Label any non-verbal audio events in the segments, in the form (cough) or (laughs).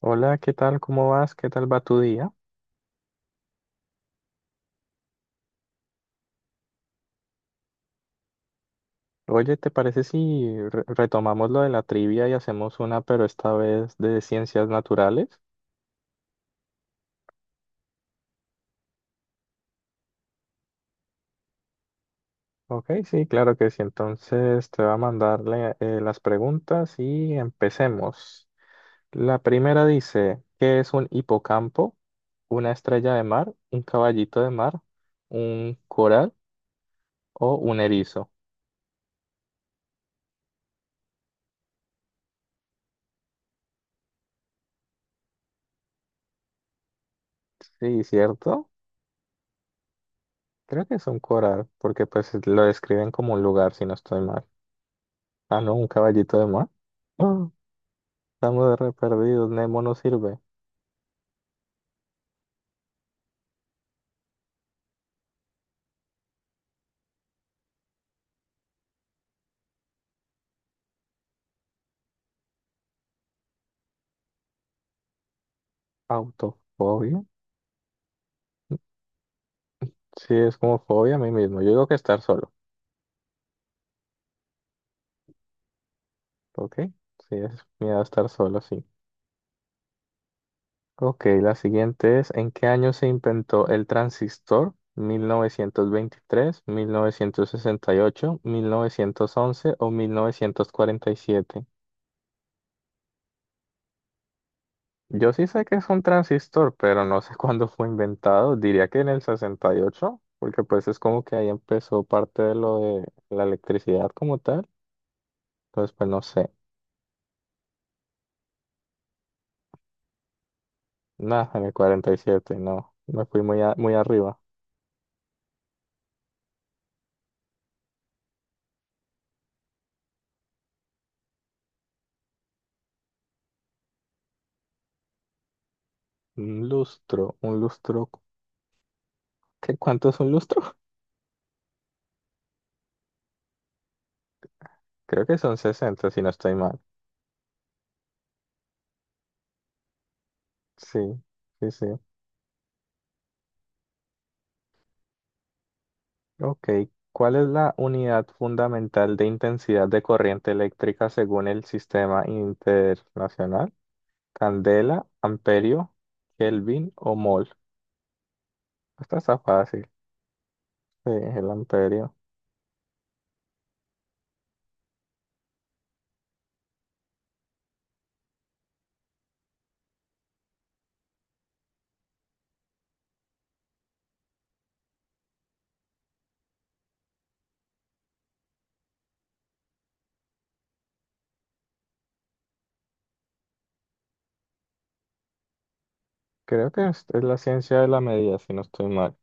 Hola, ¿qué tal? ¿Cómo vas? ¿Qué tal va tu día? Oye, ¿te parece si retomamos lo de la trivia y hacemos una, pero esta vez de ciencias naturales? Ok, sí, claro que sí. Entonces te va a mandarle las preguntas y empecemos. La primera dice, ¿qué es un hipocampo? ¿Una estrella de mar? ¿Un caballito de mar? ¿Un coral o un erizo? Sí, ¿cierto? Creo que es un coral, porque pues lo describen como un lugar, si no estoy mal. Ah, no, un caballito de mar. Ah, estamos re perdidos. Nemo no sirve. Autofobia. Sí, es como fobia a mí mismo. Yo digo que estar solo. ¿Ok? Sí, es miedo a estar solo, sí. Ok, la siguiente es, ¿en qué año se inventó el transistor? Mil novecientos veintitrés, mil novecientos sesenta y ocho, mil novecientos once o 1947. Yo sí sé que es un transistor, pero no sé (laughs) cuándo fue inventado. Diría que en el 68, porque pues es como que ahí empezó parte de lo de la electricidad como tal. Entonces, pues no sé. Nada, en el 47, no. Me fui muy, muy arriba. Un lustro. ¿Qué, cuánto es un lustro? (laughs) Creo que son sesenta si no estoy mal. Sí, sí. Ok. ¿Cuál es la unidad fundamental de intensidad de corriente eléctrica según el sistema internacional? Candela, amperio, Kelvin o mol. Esta está fácil. Sí, es el amperio. Creo que es la ciencia de la medida, si no estoy mal.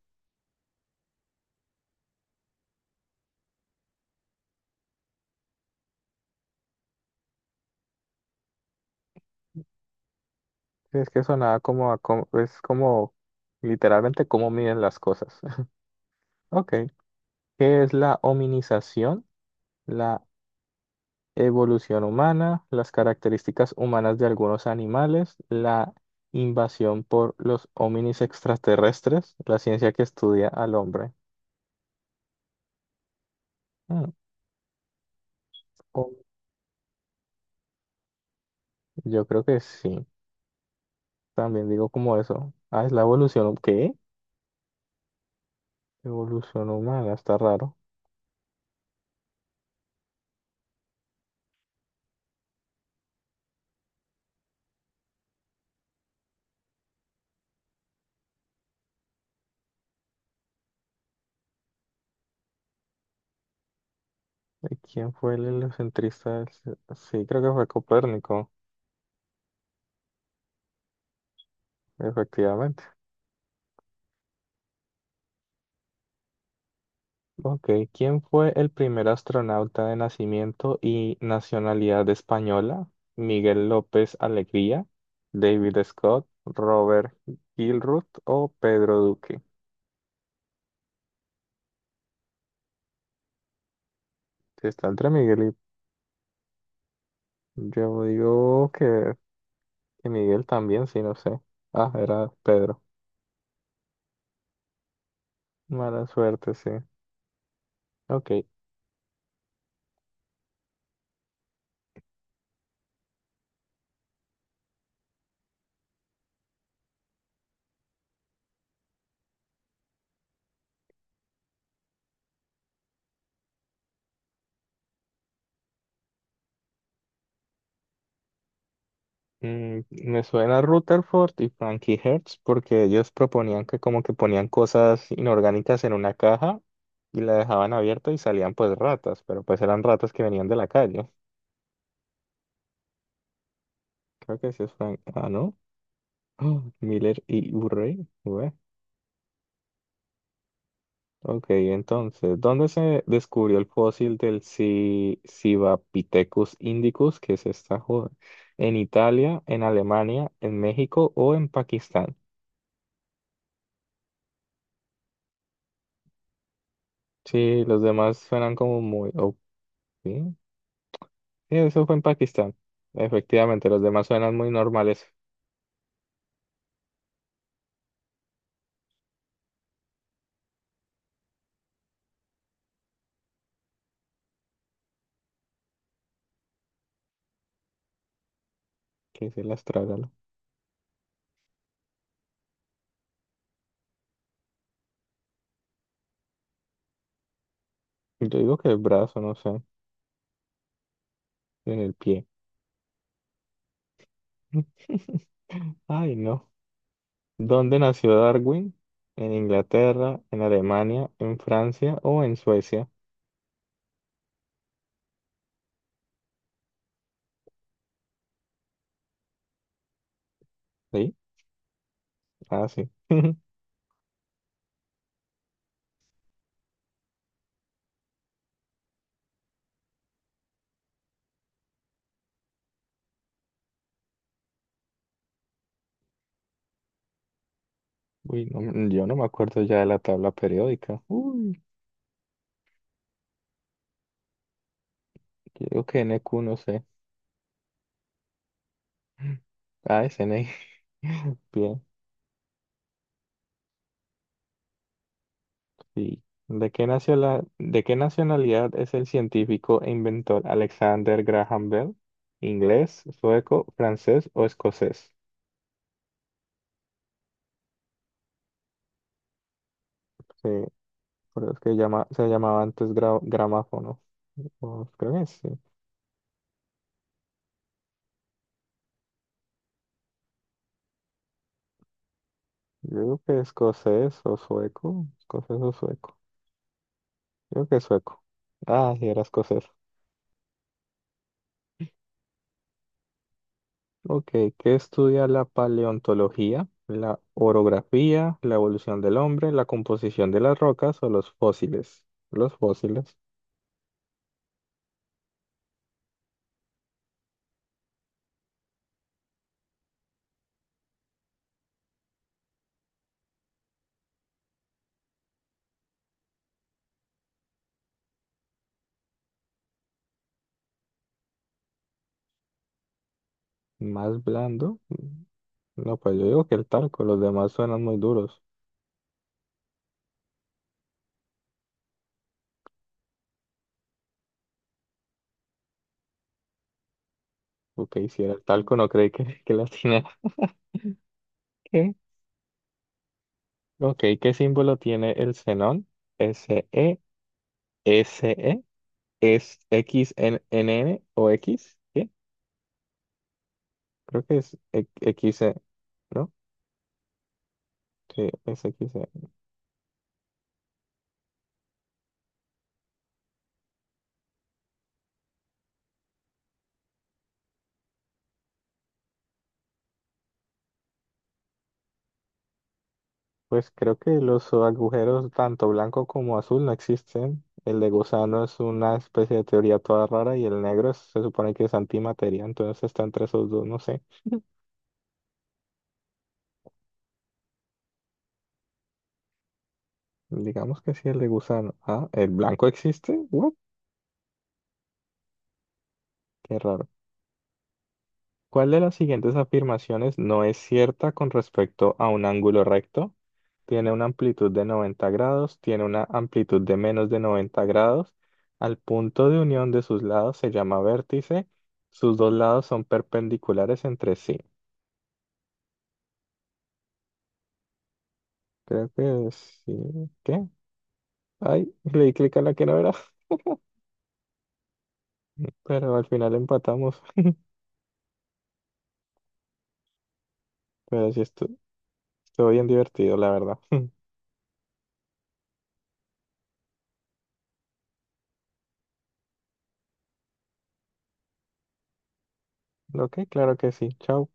Sí, es que sonaba como, es como literalmente cómo miden las cosas. (laughs) Ok. ¿Qué es la hominización? La evolución humana, las características humanas de algunos animales, la invasión por los hominis extraterrestres, la ciencia que estudia al hombre. Mm, o- Yo creo que sí. También digo como eso. Ah, es la evolución. ¿Qué? Evolución humana, está raro. ¿Quién fue el heliocentrista? Sí, creo que fue Copérnico, efectivamente. Ok, ¿quién fue el primer astronauta de nacimiento y nacionalidad española? ¿Miguel López Alegría, David Scott, Robert Gilruth o Pedro Duque? Si está entre Miguel y... Yo digo que Miguel también, sí, no sé. Ah, era Pedro. Mala suerte, sí. Ok, mm, me suena Rutherford y Frankie Hertz porque ellos proponían que como que ponían cosas inorgánicas en una caja y la dejaban abierta y salían pues ratas, pero pues eran ratas que venían de la calle. Creo que sí es Frank. Ah, ¿no? (gasps) Miller y Urey. Ué. Ok, entonces, ¿dónde se descubrió el fósil del Civapithecus indicus, que es esta joda? ¿En Italia, en Alemania, en México o en Pakistán? Sí, los demás suenan como muy, o sí, sí, eso fue en Pakistán. Efectivamente, los demás suenan muy normales. Que se las trágalo. Yo digo que el brazo, no sé, en el pie. (laughs) Ay, no. ¿Dónde nació Darwin? ¿En Inglaterra, en Alemania, en Francia o en Suecia? Sí, ah, sí. (laughs) Uy, yo no me acuerdo ya de la tabla periódica. Uy, yo digo que N NQ, no sé. Ah, es NI. (laughs) Bien. Sí. ¿De qué de qué nacionalidad es el científico e inventor Alexander Graham Bell? ¿Inglés, sueco, francés o escocés? Sí, pero es que llama, se llamaba antes gramáfono. O creo que sí. Yo creo que escocés o sueco. Escocés o sueco. Yo creo que sueco. Ah, sí, era escocés. Ok, ¿qué estudia la paleontología? ¿La orografía, la evolución del hombre, la composición de las rocas o los fósiles? Los fósiles. Más blando. No, pues yo digo que el talco, los demás suenan muy duros. Ok, si era el talco, no creí que, (laughs) que la tiene. ¿Qué? Ok, ¿qué símbolo tiene el xenón? S-E, S-E, es X-N-N o X? ¿Qué? Creo que es X-E, ¿no? Sí, es X-E. Pues creo que los agujeros, tanto blanco como azul, no existen. El de gusano es una especie de teoría toda rara y el negro se supone que es antimateria, entonces está entre esos dos, no sé. Digamos que sí, el de gusano. Ah, ¿el blanco existe? What? Qué raro. ¿Cuál de las siguientes afirmaciones no es cierta con respecto a un ángulo recto? Tiene una amplitud de 90 grados, tiene una amplitud de menos de 90 grados. Al punto de unión de sus lados se llama vértice. Sus dos lados son perpendiculares entre sí. Creo que sí. ¿Qué? Ay, (laughs) le di clic a la que no era, (laughs) pero al final empatamos. Pero sí, estuvo bien divertido, la verdad. (laughs) Ok, claro que sí. Chao.